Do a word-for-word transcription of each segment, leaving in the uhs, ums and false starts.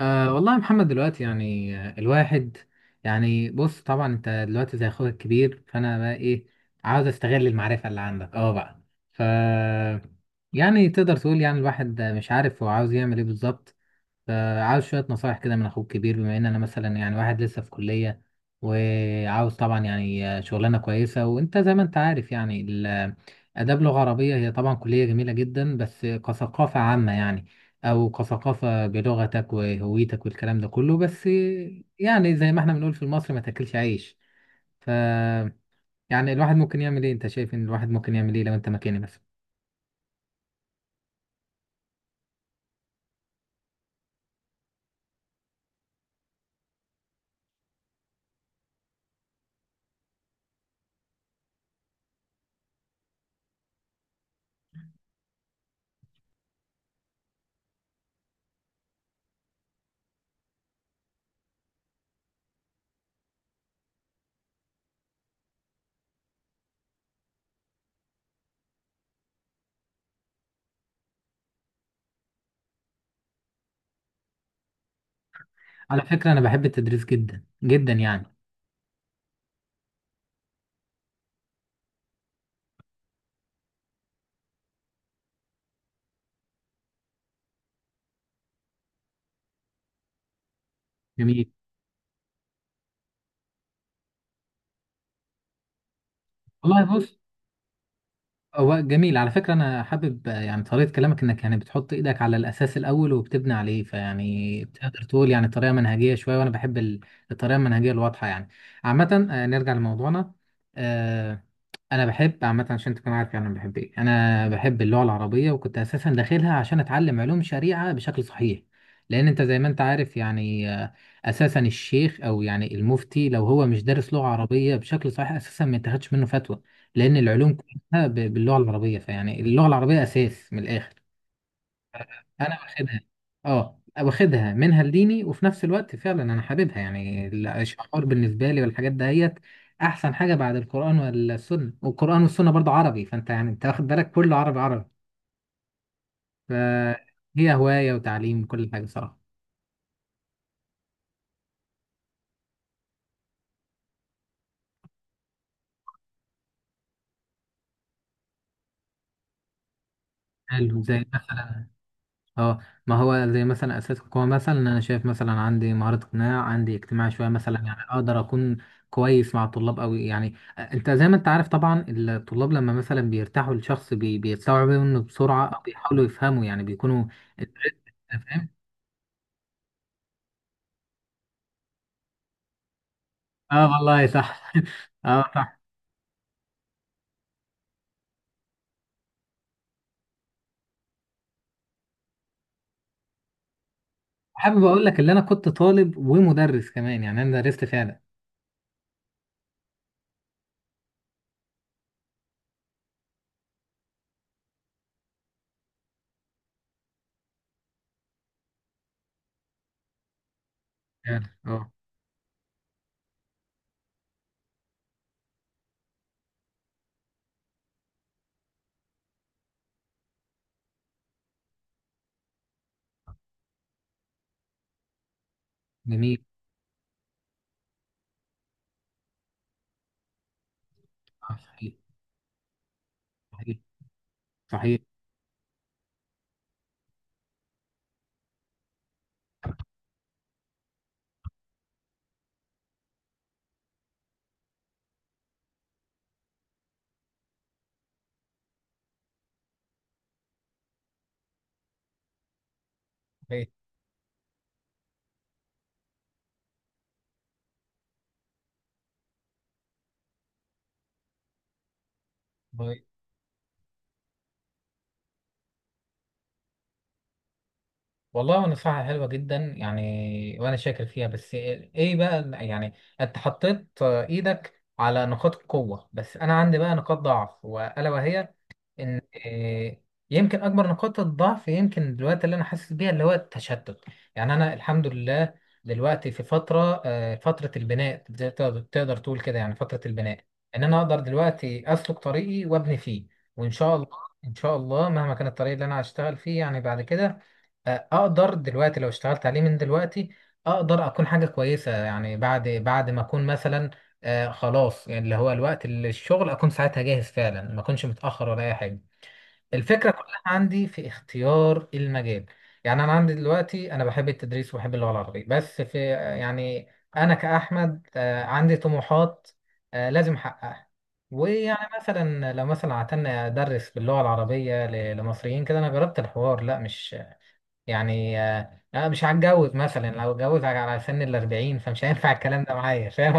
أه والله يا محمد دلوقتي يعني آه، الواحد يعني بص طبعا انت دلوقتي زي اخوك الكبير، فانا بقى ايه، عاوز استغل المعرفة اللي عندك اه بقى. ف يعني تقدر تقول يعني الواحد مش عارف هو عاوز يعمل ايه بالظبط، فعاوز شوية نصايح كده من أخوك الكبير، بما إن أنا مثلا يعني واحد لسه في كلية وعاوز طبعا يعني شغلانة كويسة، وأنت زي ما أنت عارف يعني ال- آداب لغة عربية هي طبعا كلية جميلة جدا، بس كثقافة عامة يعني، أو كثقافة بلغتك وهويتك والكلام ده كله، بس يعني زي ما إحنا بنقول في مصر، ما تاكلش عيش. ف يعني الواحد ممكن يعمل إيه؟ أنت شايف إن الواحد ممكن يعمل إيه لو أنت مكاني مثلا؟ على فكرة أنا بحب التدريس جدا جدا يعني. جميل. والله بص. هو جميل، على فكرة أنا حابب آه، يعني طريقة كلامك، إنك يعني بتحط إيدك على الأساس الأول وبتبني عليه، فيعني تقدر تقول يعني طريقة منهجية شوية، وأنا بحب ال- الطريقة المنهجية الواضحة يعني. عامة آه، نرجع لموضوعنا. آه، انا بحب عامه عشان تكون عارف يعني انا بحب ايه، انا بحب اللغه العربيه، وكنت اساسا داخلها عشان اتعلم علوم شريعه بشكل صحيح، لان انت زي ما انت عارف يعني آه، اساسا الشيخ او يعني المفتي لو هو مش دارس لغه عربيه بشكل صحيح اساسا ما يتاخدش منه فتوى، لان العلوم كلها ب- باللغه العربيه، فيعني اللغه العربيه اساس من الاخر. انا واخدها اه واخدها منها لديني، وفي نفس الوقت فعلا انا حاببها، يعني الاشعار بالنسبه لي والحاجات دهيت احسن حاجه بعد القران والسنه، والقران والسنه برضه عربي، فانت يعني انت واخد بالك، كله عربي عربي، فهي هوايه وتعليم وكل حاجه صراحه. حلو، زي مثلا اه ما هو زي مثلا اساس القوه، مثلا انا شايف مثلا عندي مهاره اقناع، عندي اجتماعي شويه مثلا، يعني اقدر اكون كويس مع الطلاب قوي، يعني انت زي ما انت عارف طبعا الطلاب لما مثلا بيرتاحوا لشخص بي بيستوعبوا منه بسرعه او بيحاولوا يفهموا، يعني بيكونوا أنت فاهم. اه والله صح اه صح. حابب اقول لك ان انا كنت طالب ومدرس كمان، يعني انا درست فعلا. فعلا. اه. جميل. آه، صحيح صحيح صحيح. والله نصيحة حلوة جدا يعني، وأنا شاكر فيها، بس إيه إيه بقى يعني؟ أنت حطيت إيدك على نقاط القوة، بس أنا عندي بقى نقاط ضعف، وألا وهي ان إيه، يمكن اكبر نقاط الضعف يمكن دلوقتي اللي انا حاسس بيها اللي هو التشتت. يعني انا الحمد لله دلوقتي في فتره آه، فتره البناء، زي تقدر تقدر تقول كده، يعني فتره البناء، ان انا اقدر دلوقتي اسلك طريقي وابني فيه، وان شاء الله ان شاء الله مهما كان الطريق اللي انا هشتغل فيه يعني بعد كده آه، اقدر دلوقتي لو اشتغلت عليه من دلوقتي اقدر اكون حاجه كويسه، يعني بعد بعد ما اكون مثلا آه خلاص، يعني اللي هو الوقت اللي الشغل اكون ساعتها جاهز فعلا، ما اكونش متاخر ولا اي حاجه. الفكرة كلها عندي في اختيار المجال. يعني أنا عندي دلوقتي، أنا بحب التدريس وبحب اللغة العربية بس في يعني، أنا كأحمد آه، عندي طموحات آه، لازم أحققها، ويعني مثلا لو مثلا عتلنا أدرس باللغة العربية ل- لمصريين كده، أنا جربت الحوار لا مش يعني آه، أنا مش هتجوز مثلا، لو اتجوز على سن الأربعين فمش هينفع الكلام ده معايا، فاهم.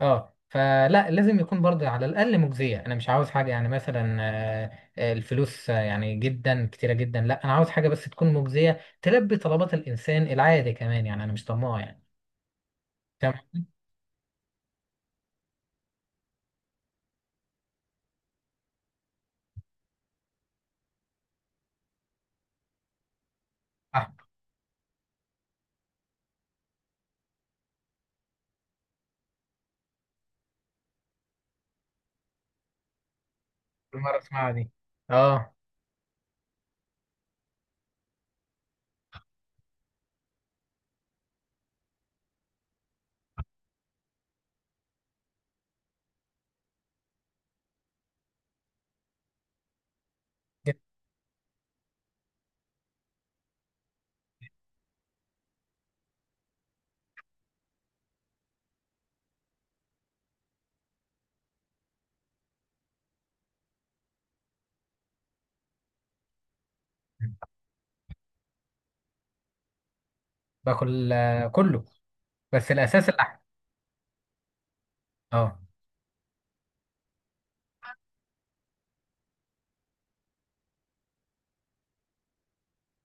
اه فلا لازم يكون برضه على الاقل مجزيه، انا مش عاوز حاجه يعني مثلا آه، آه، الفلوس آه، يعني جدا كتيره جدا لا، انا عاوز حاجه بس تكون مجزيه، تلبي طلبات الانسان العادي كمان، يعني انا مش طماع يعني. فاهم قصدي؟ اه. كل مره اسمعها دي. اه. جداً. باكل آه، كله، بس الاساس اللحم. اه.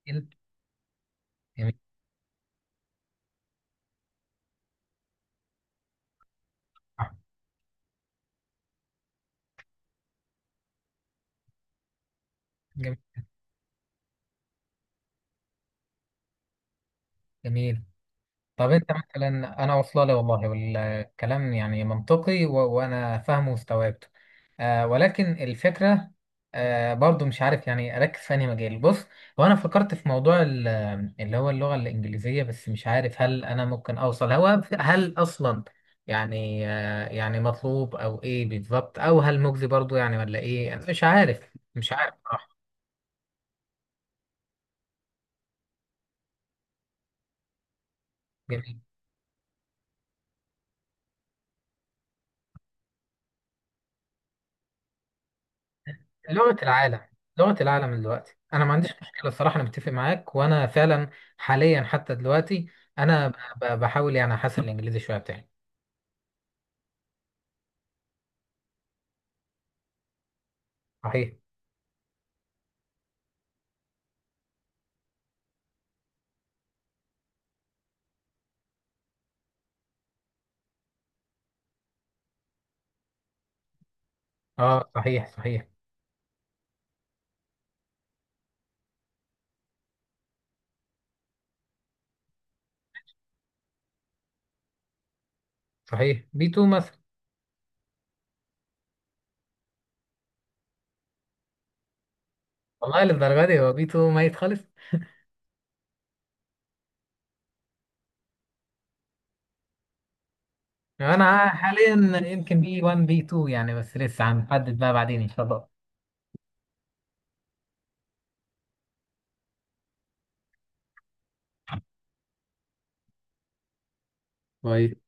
جميل. جميل. آه، جميل. جميل. طب انت مثلا، انا واصله لي والله، والكلام يعني منطقي و... وانا فاهمه واستوعبته، آه ولكن الفكره آه برضو مش عارف يعني اركز في انهي مجال. بص، هو انا فكرت في موضوع ال- اللي هو اللغه الانجليزيه، بس مش عارف هل انا ممكن اوصل هو هل اصلا يعني آه يعني مطلوب او ايه بالظبط، او هل مجزي برضو يعني، ولا ايه؟ انا مش عارف مش عارف صراحه. جميل. لغة العالم. لغة العالم دلوقتي أنا ما عنديش مشكلة، الصراحة أنا متفق معاك، وأنا فعلا حاليا حتى دلوقتي أنا ب- ب- بحاول يعني أحسن الإنجليزي شوية بتاعي. صحيح. أه صحيح صحيح. صحيح، بي اتنين مثلا. والله للدرجة دي؟ هو بي اتنين ميت خالص. أنا حاليا يمكن بي واحد بي اتنين يعني، بس لسه هنحدد بقى بعدين إن شاء الله. طيب.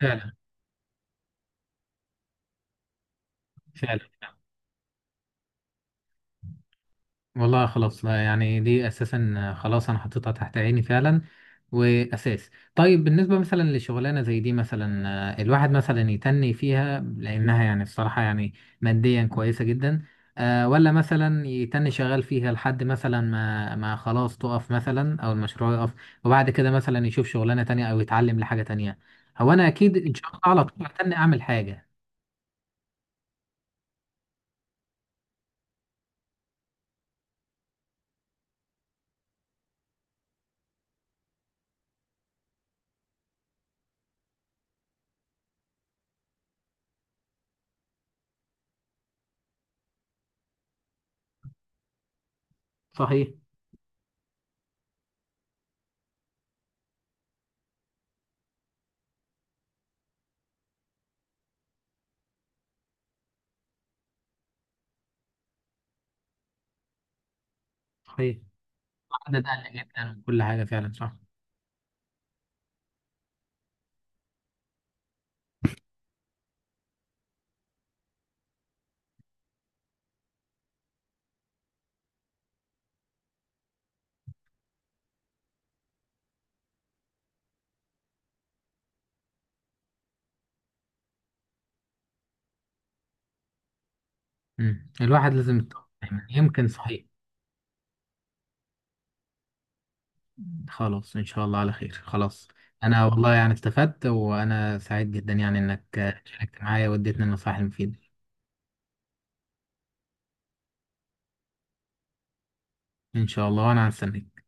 فعلا فعلا. والله خلاص لا، يعني دي اساسا خلاص انا حطيتها تحت عيني فعلا. واساس. طيب، بالنسبه مثلا لشغلانه زي دي مثلا آه، الواحد مثلا يتني فيها لانها يعني الصراحه يعني ماديا كويسه جدا آه، ولا مثلا يتني شغال فيها لحد مثلا ما ما خلاص تقف مثلا او المشروع يقف، وبعد كده مثلا يشوف شغلانه تانية او يتعلم لحاجه تانية. هو انا اكيد ان شاء الله على طول هتني اعمل حاجه. صحيح. صحيح. ده قل جدا وكل حاجه فعلا صح. مم. الواحد لازم يتطور دايما، يمكن صحيح. خلاص ان شاء الله على خير. خلاص. انا والله يعني استفدت، وانا سعيد جدا يعني انك شاركت معايا واديتني النصائح المفيدة. ان شاء الله، وانا هستناك.